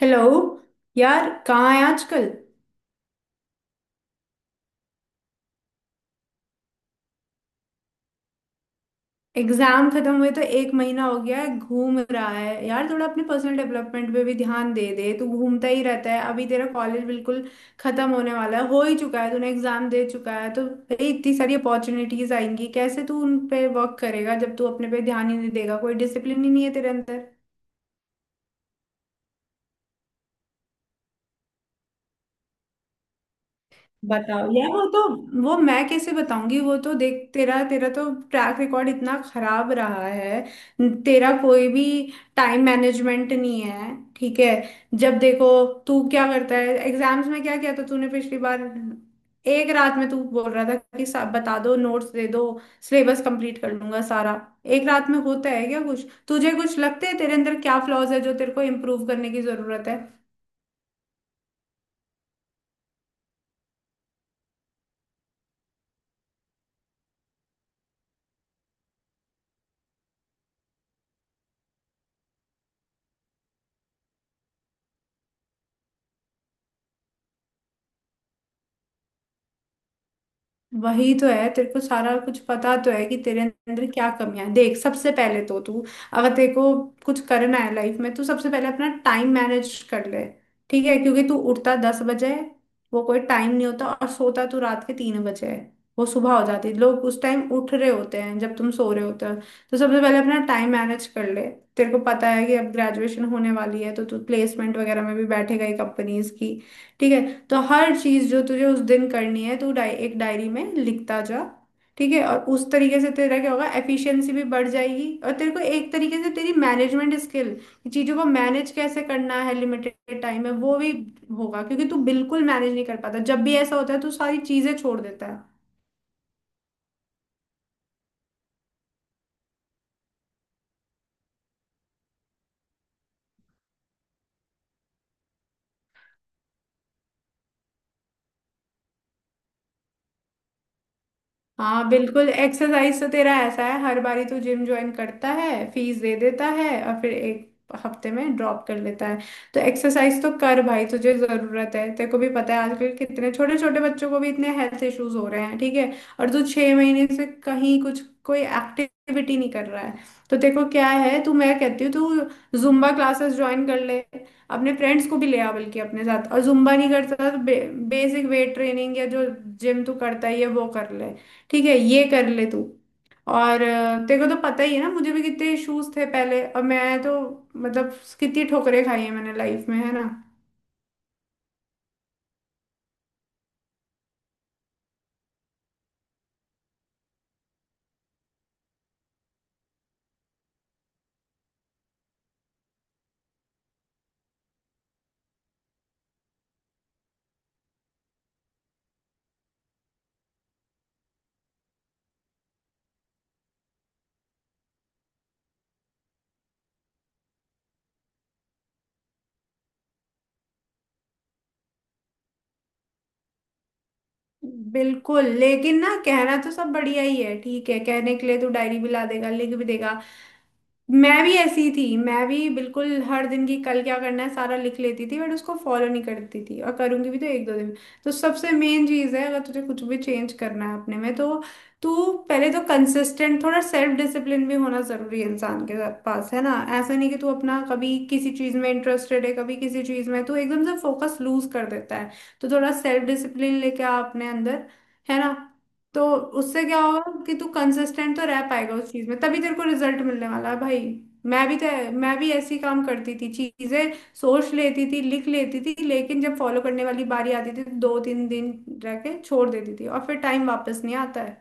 Hello. यार कहाँ है आजकल? एग्जाम खत्म हुए तो एक महीना हो गया है, घूम रहा है यार। थोड़ा अपने पर्सनल डेवलपमेंट पे भी ध्यान दे दे तू। घूमता ही रहता है। अभी तेरा कॉलेज बिल्कुल खत्म होने वाला है, हो ही चुका है, तूने एग्जाम दे चुका है, तो भाई इतनी सारी अपॉर्चुनिटीज आएंगी, कैसे तू उन पे वर्क करेगा जब तू अपने पे ध्यान ही नहीं देगा? कोई डिसिप्लिन ही नहीं है तेरे अंदर। बताओ यार। वो तो वो मैं कैसे बताऊंगी? वो तो देख, तेरा तेरा तो ट्रैक रिकॉर्ड इतना खराब रहा है। तेरा कोई भी टाइम मैनेजमेंट नहीं है। ठीक है। जब देखो तू क्या करता है? एग्जाम्स में क्या किया था तूने पिछली बार? एक रात में तू बोल रहा था कि सब बता दो, नोट्स दे दो, सिलेबस कंप्लीट कर लूंगा सारा। एक रात में होता है क्या कुछ? तुझे कुछ लगता है तेरे अंदर क्या फ्लॉज है जो तेरे को इम्प्रूव करने की जरूरत? वही तो है, तेरे को सारा कुछ पता तो है कि तेरे अंदर क्या कमियां हैं। देख, सबसे पहले तो तू, अगर तेरे को कुछ करना है लाइफ में तो सबसे पहले अपना टाइम मैनेज कर ले। ठीक है, क्योंकि तू उठता 10 बजे है, वो कोई टाइम नहीं होता, और सोता तू रात के 3 बजे है, वो सुबह हो जाती है, लोग उस टाइम उठ रहे होते हैं जब तुम सो रहे होते हो। तो सबसे पहले अपना टाइम मैनेज कर ले। तेरे को पता है कि अब ग्रेजुएशन होने वाली है, तो तू प्लेसमेंट वगैरह में भी बैठेगा ही, कंपनीज की। ठीक है। तो हर चीज जो तुझे उस दिन करनी है तू एक डायरी में लिखता जा। ठीक है, और उस तरीके से तेरा क्या होगा, एफिशिएंसी भी बढ़ जाएगी, और तेरे को एक तरीके से तेरी मैनेजमेंट स्किल, चीजों को मैनेज कैसे करना है लिमिटेड टाइम में, वो भी होगा, क्योंकि तू बिल्कुल मैनेज नहीं कर पाता। जब भी ऐसा होता है तू सारी चीजें छोड़ देता है। हाँ बिल्कुल। एक्सरसाइज तो तेरा ऐसा है, हर बारी तू जिम ज्वाइन करता है, फीस दे देता है, और फिर एक हफ्ते में ड्रॉप कर लेता है। तो एक्सरसाइज तो कर भाई, तुझे जरूरत है। तेरे को भी पता है आजकल कितने छोटे छोटे बच्चों को भी इतने हेल्थ इश्यूज हो रहे हैं। ठीक है। और तू 6 महीने से कहीं कुछ कोई एक्टिविटी नहीं कर रहा है। तो तेरे को क्या है, तू, मैं कहती हूँ, तू जुम्बा क्लासेस ज्वाइन कर ले। अपने फ्रेंड्स को भी ले आ बल्कि अपने साथ, और जुम्बा नहीं करता तो बेसिक वेट ट्रेनिंग या जो जिम तू करता है ये वो कर ले। ठीक है, ये कर ले तू। और तेरे को तो पता ही है ना, मुझे भी कितने इश्यूज थे पहले, और मैं तो, मतलब, कितनी ठोकरें खाई है मैंने लाइफ में, है ना। बिल्कुल, लेकिन ना, कहना तो सब बढ़िया ही है। ठीक है, कहने के लिए तू डायरी भी ला देगा, लिख भी देगा। मैं भी ऐसी थी, मैं भी बिल्कुल हर दिन की कल क्या करना है सारा लिख लेती थी, बट उसको फॉलो नहीं करती थी, और करूंगी भी तो 1-2 दिन। तो सबसे मेन चीज़ है, अगर तुझे कुछ भी चेंज करना है अपने में, तो तू पहले तो कंसिस्टेंट, थोड़ा सेल्फ डिसिप्लिन भी होना जरूरी है इंसान के साथ पास, है ना। ऐसा नहीं कि तू अपना कभी किसी चीज़ में इंटरेस्टेड है, कभी किसी चीज़ में तू एकदम से फोकस लूज कर देता है। तो थोड़ा सेल्फ डिसिप्लिन लेके आ अपने अंदर, है ना। तो उससे क्या होगा कि तू कंसिस्टेंट तो रह पाएगा उस चीज में, तभी तेरे को रिजल्ट मिलने वाला है भाई। मैं भी तो, मैं भी ऐसी काम करती थी चीजें, सोच लेती थी, लिख लेती थी, लेकिन जब फॉलो करने वाली बारी आती थी तो 2-3 दिन रह के छोड़ देती थी, और फिर टाइम वापस नहीं आता है।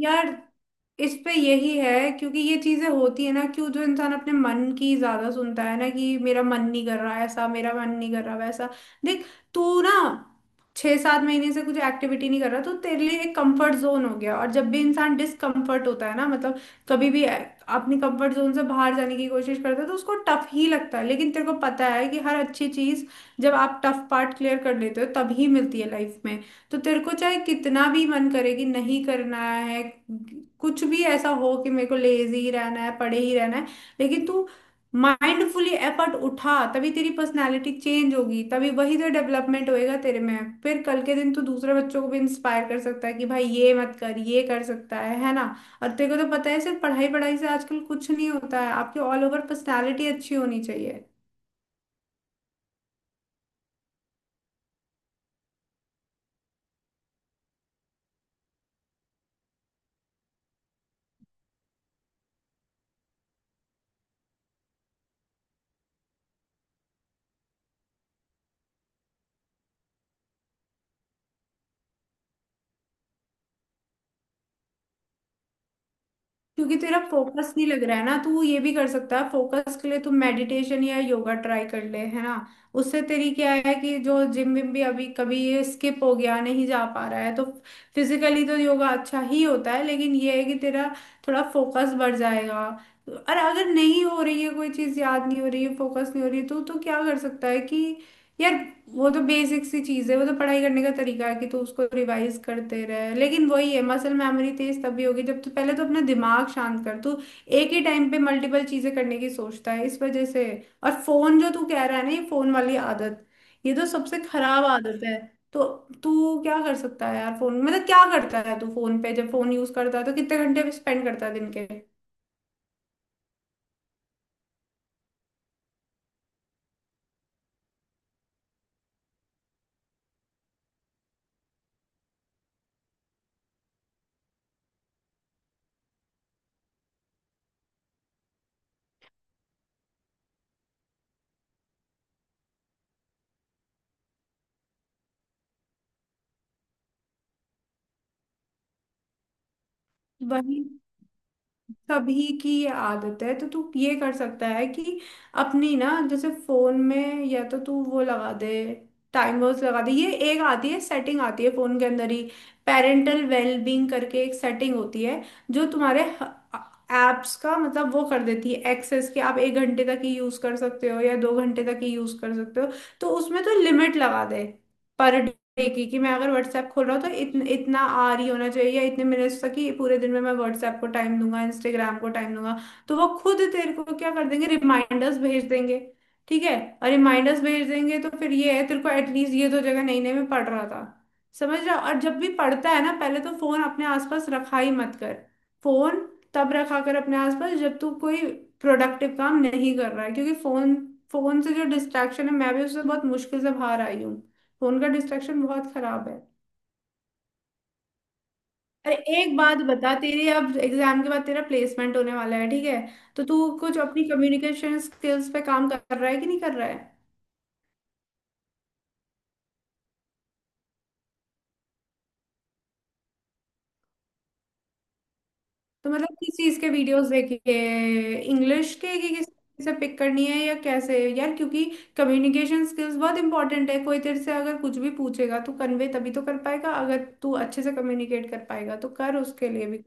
यार, इस पे यही है, क्योंकि ये चीजें होती है ना, कि जो इंसान अपने मन की ज्यादा सुनता है, ना कि मेरा मन नहीं कर रहा ऐसा, मेरा मन नहीं कर रहा वैसा। देख, तू ना 6-7 महीने से कुछ एक्टिविटी नहीं कर रहा, तो तेरे लिए एक कंफर्ट जोन हो गया, और जब भी इंसान डिसकंफर्ट होता है ना, मतलब, कभी भी अपने कंफर्ट जोन से बाहर जाने की कोशिश करता है, तो उसको टफ ही लगता है, लेकिन तेरे को पता है कि हर अच्छी चीज जब आप टफ पार्ट क्लियर कर लेते हो तभी मिलती है लाइफ में। तो तेरे को चाहे कितना भी मन करे कि नहीं करना है, कुछ भी ऐसा हो कि मेरे को लेजी ही रहना है, पड़े ही रहना है, लेकिन तू माइंडफुली एफर्ट उठा, तभी तेरी पर्सनालिटी चेंज होगी, तभी वही तो डेवलपमेंट होएगा तेरे में। फिर कल के दिन तू दूसरे बच्चों को भी इंस्पायर कर सकता है कि भाई ये मत कर, ये कर सकता है ना। और तेरे को तो पता है, सिर्फ पढ़ाई पढ़ाई से आजकल कुछ नहीं होता है, आपकी ऑल ओवर पर्सनालिटी अच्छी होनी चाहिए। क्योंकि तेरा फोकस नहीं लग रहा है ना। तू ये भी कर सकता है, फोकस के लिए तू मेडिटेशन या योगा ट्राई कर ले, है ना। उससे तेरी क्या है कि जो जिम विम भी अभी कभी ये स्किप हो गया, नहीं जा पा रहा है, तो फिजिकली तो योगा अच्छा ही होता है, लेकिन ये है कि तेरा थोड़ा फोकस बढ़ जाएगा। और अगर नहीं हो रही है कोई चीज, याद नहीं हो रही है, फोकस नहीं हो रही है, तो क्या कर सकता है कि, यार, वो तो बेसिक सी चीज है, वो तो पढ़ाई करने का तरीका है कि तू उसको रिवाइज करते रहे, लेकिन वही है, मसल मेमोरी तेज तभी होगी जब तू पहले तो अपना दिमाग शांत कर। तू एक ही टाइम पे मल्टीपल चीजें करने की सोचता है इस वजह से। और फोन जो तू कह रहा है ना, ये फोन वाली आदत, ये तो सबसे खराब आदत है। तो तू क्या कर सकता है यार, फोन, मतलब क्या करता है तू फोन पे, जब फोन यूज करता है तो कितने घंटे स्पेंड करता है दिन के? वही, सभी की ये आदत है, तो तू ये कर सकता है कि अपनी ना, जैसे फोन में, या तो तू वो लगा दे, टाइमर्स लगा दे, ये एक आती है सेटिंग, आती है फोन के अंदर ही, पेरेंटल वेलबींग करके एक सेटिंग होती है, जो तुम्हारे एप्स का मतलब वो कर देती है एक्सेस, कि आप एक घंटे तक ही यूज कर सकते हो या 2 घंटे तक ही यूज कर सकते हो। तो उसमें तो लिमिट लगा दे, पर देगी कि मैं अगर व्हाट्सएप खोल रहा हूँ तो इतना आर ही होना चाहिए, या इतने मिनट्स तक, कि पूरे दिन में मैं व्हाट्सएप को टाइम दूंगा, इंस्टाग्राम को टाइम दूंगा। तो वो खुद तेरे को क्या कर देंगे, रिमाइंडर्स भेज देंगे। ठीक है, और रिमाइंडर्स भेज देंगे तो फिर ये है, तेरे को एटलीस्ट ये तो जगह नहीं, नहीं मैं पढ़ रहा था, समझ रहा। और जब भी पढ़ता है ना, पहले तो फोन अपने आसपास रखा ही मत कर। फोन तब रखा कर अपने आसपास जब तू कोई प्रोडक्टिव काम नहीं कर रहा है, क्योंकि फोन फोन से जो डिस्ट्रैक्शन है, मैं भी उससे बहुत मुश्किल से बाहर आई हूँ। फोन का डिस्ट्रैक्शन बहुत खराब है। अरे, एक बात बता, तेरे अब एग्जाम के बाद तेरा प्लेसमेंट होने वाला है, ठीक है। तो तू कुछ अपनी कम्युनिकेशन स्किल्स पे काम कर रहा है कि नहीं कर रहा है? तो मतलब किस चीज के वीडियोस देखे? इंग्लिश के, कि किस से पिक करनी है या कैसे यार, क्योंकि कम्युनिकेशन स्किल्स बहुत इंपॉर्टेंट है, कोई तेरे से अगर कुछ भी पूछेगा तो कन्वे तभी तो कर पाएगा अगर तू अच्छे से कम्युनिकेट कर पाएगा, तो कर उसके लिए भी।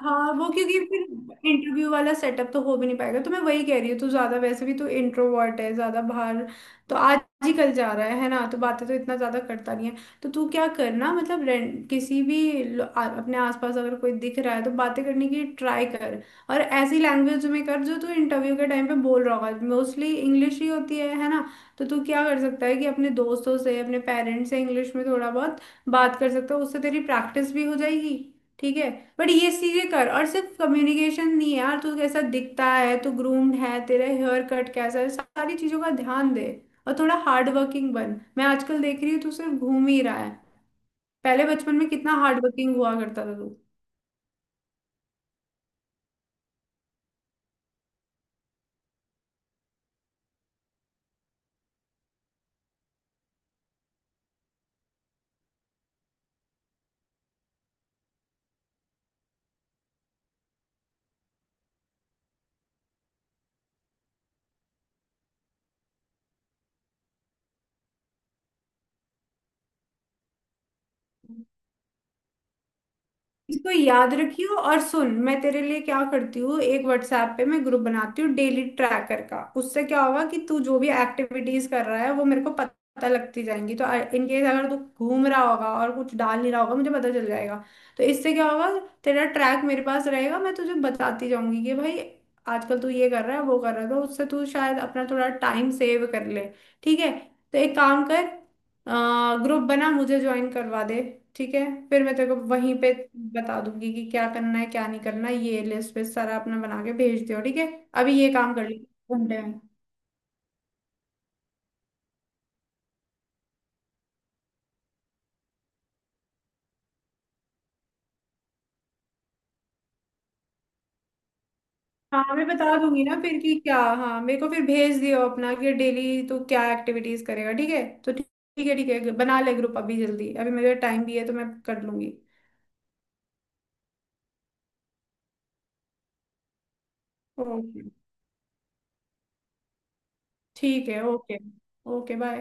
हाँ वो क्योंकि फिर इंटरव्यू वाला सेटअप तो हो भी नहीं पाएगा, तो मैं वही कह रही हूँ, तू ज्यादा, वैसे भी तू इंट्रोवर्ट है, ज्यादा बाहर तो आज ही कल जा रहा है ना, तो बातें तो इतना ज्यादा करता नहीं है। तो तू क्या करना, मतलब, किसी भी अपने आसपास अगर कोई दिख रहा है तो बातें करने की ट्राई कर। और ऐसी लैंग्वेज में कर जो तू इंटरव्यू के टाइम पे बोल रहा होगा, मोस्टली इंग्लिश ही होती है ना। तो तू क्या कर सकता है कि अपने दोस्तों से, अपने पेरेंट्स से इंग्लिश में थोड़ा बहुत बात कर सकता है, उससे तेरी प्रैक्टिस भी हो जाएगी। ठीक है। बट ये चीजें कर, और सिर्फ कम्युनिकेशन नहीं है यार, तू कैसा दिखता है, तू ग्रूम्ड है, तेरा हेयर कट कैसा है, सारी चीजों का ध्यान दे। और थोड़ा हार्ड वर्किंग बन, मैं आजकल देख रही हूँ तू सिर्फ घूम ही रहा है। पहले बचपन में कितना हार्ड वर्किंग हुआ करता था तू। इसको याद रखियो, और सुन, मैं तेरे लिए क्या करती हूँ, एक व्हाट्सएप पे मैं ग्रुप बनाती हूँ डेली ट्रैकर का, उससे क्या होगा कि तू जो भी एक्टिविटीज कर रहा है वो मेरे को पता लगती जाएंगी, तो इन केस अगर तू घूम रहा होगा और कुछ डाल नहीं रहा होगा, मुझे पता चल जाएगा। तो इससे क्या होगा, तेरा ट्रैक मेरे पास रहेगा, मैं तुझे बताती जाऊंगी कि भाई आजकल तू ये कर रहा है वो कर रहा है, तो उससे तू शायद अपना थोड़ा टाइम सेव कर ले। ठीक है। तो एक काम कर, ग्रुप बना, मुझे ज्वाइन करवा दे। ठीक है। फिर मैं तेरे को वहीं पे बता दूंगी कि क्या करना है क्या नहीं करना है, ये लिस्ट पे सारा अपना बना के भेज दियो, ठीक है। अभी ये काम कर ली, घंटे में। हाँ, मैं बता दूंगी ना फिर कि क्या, हाँ मेरे को फिर भेज दियो अपना कि डेली तू क्या एक्टिविटीज करेगा, ठीक है, तो ठीक। ठीक है, ठीक है, बना ले ग्रुप अभी जल्दी, अभी मेरे टाइम भी है तो मैं कर लूंगी। ओके। ठीक है, ओके, ओके बाय।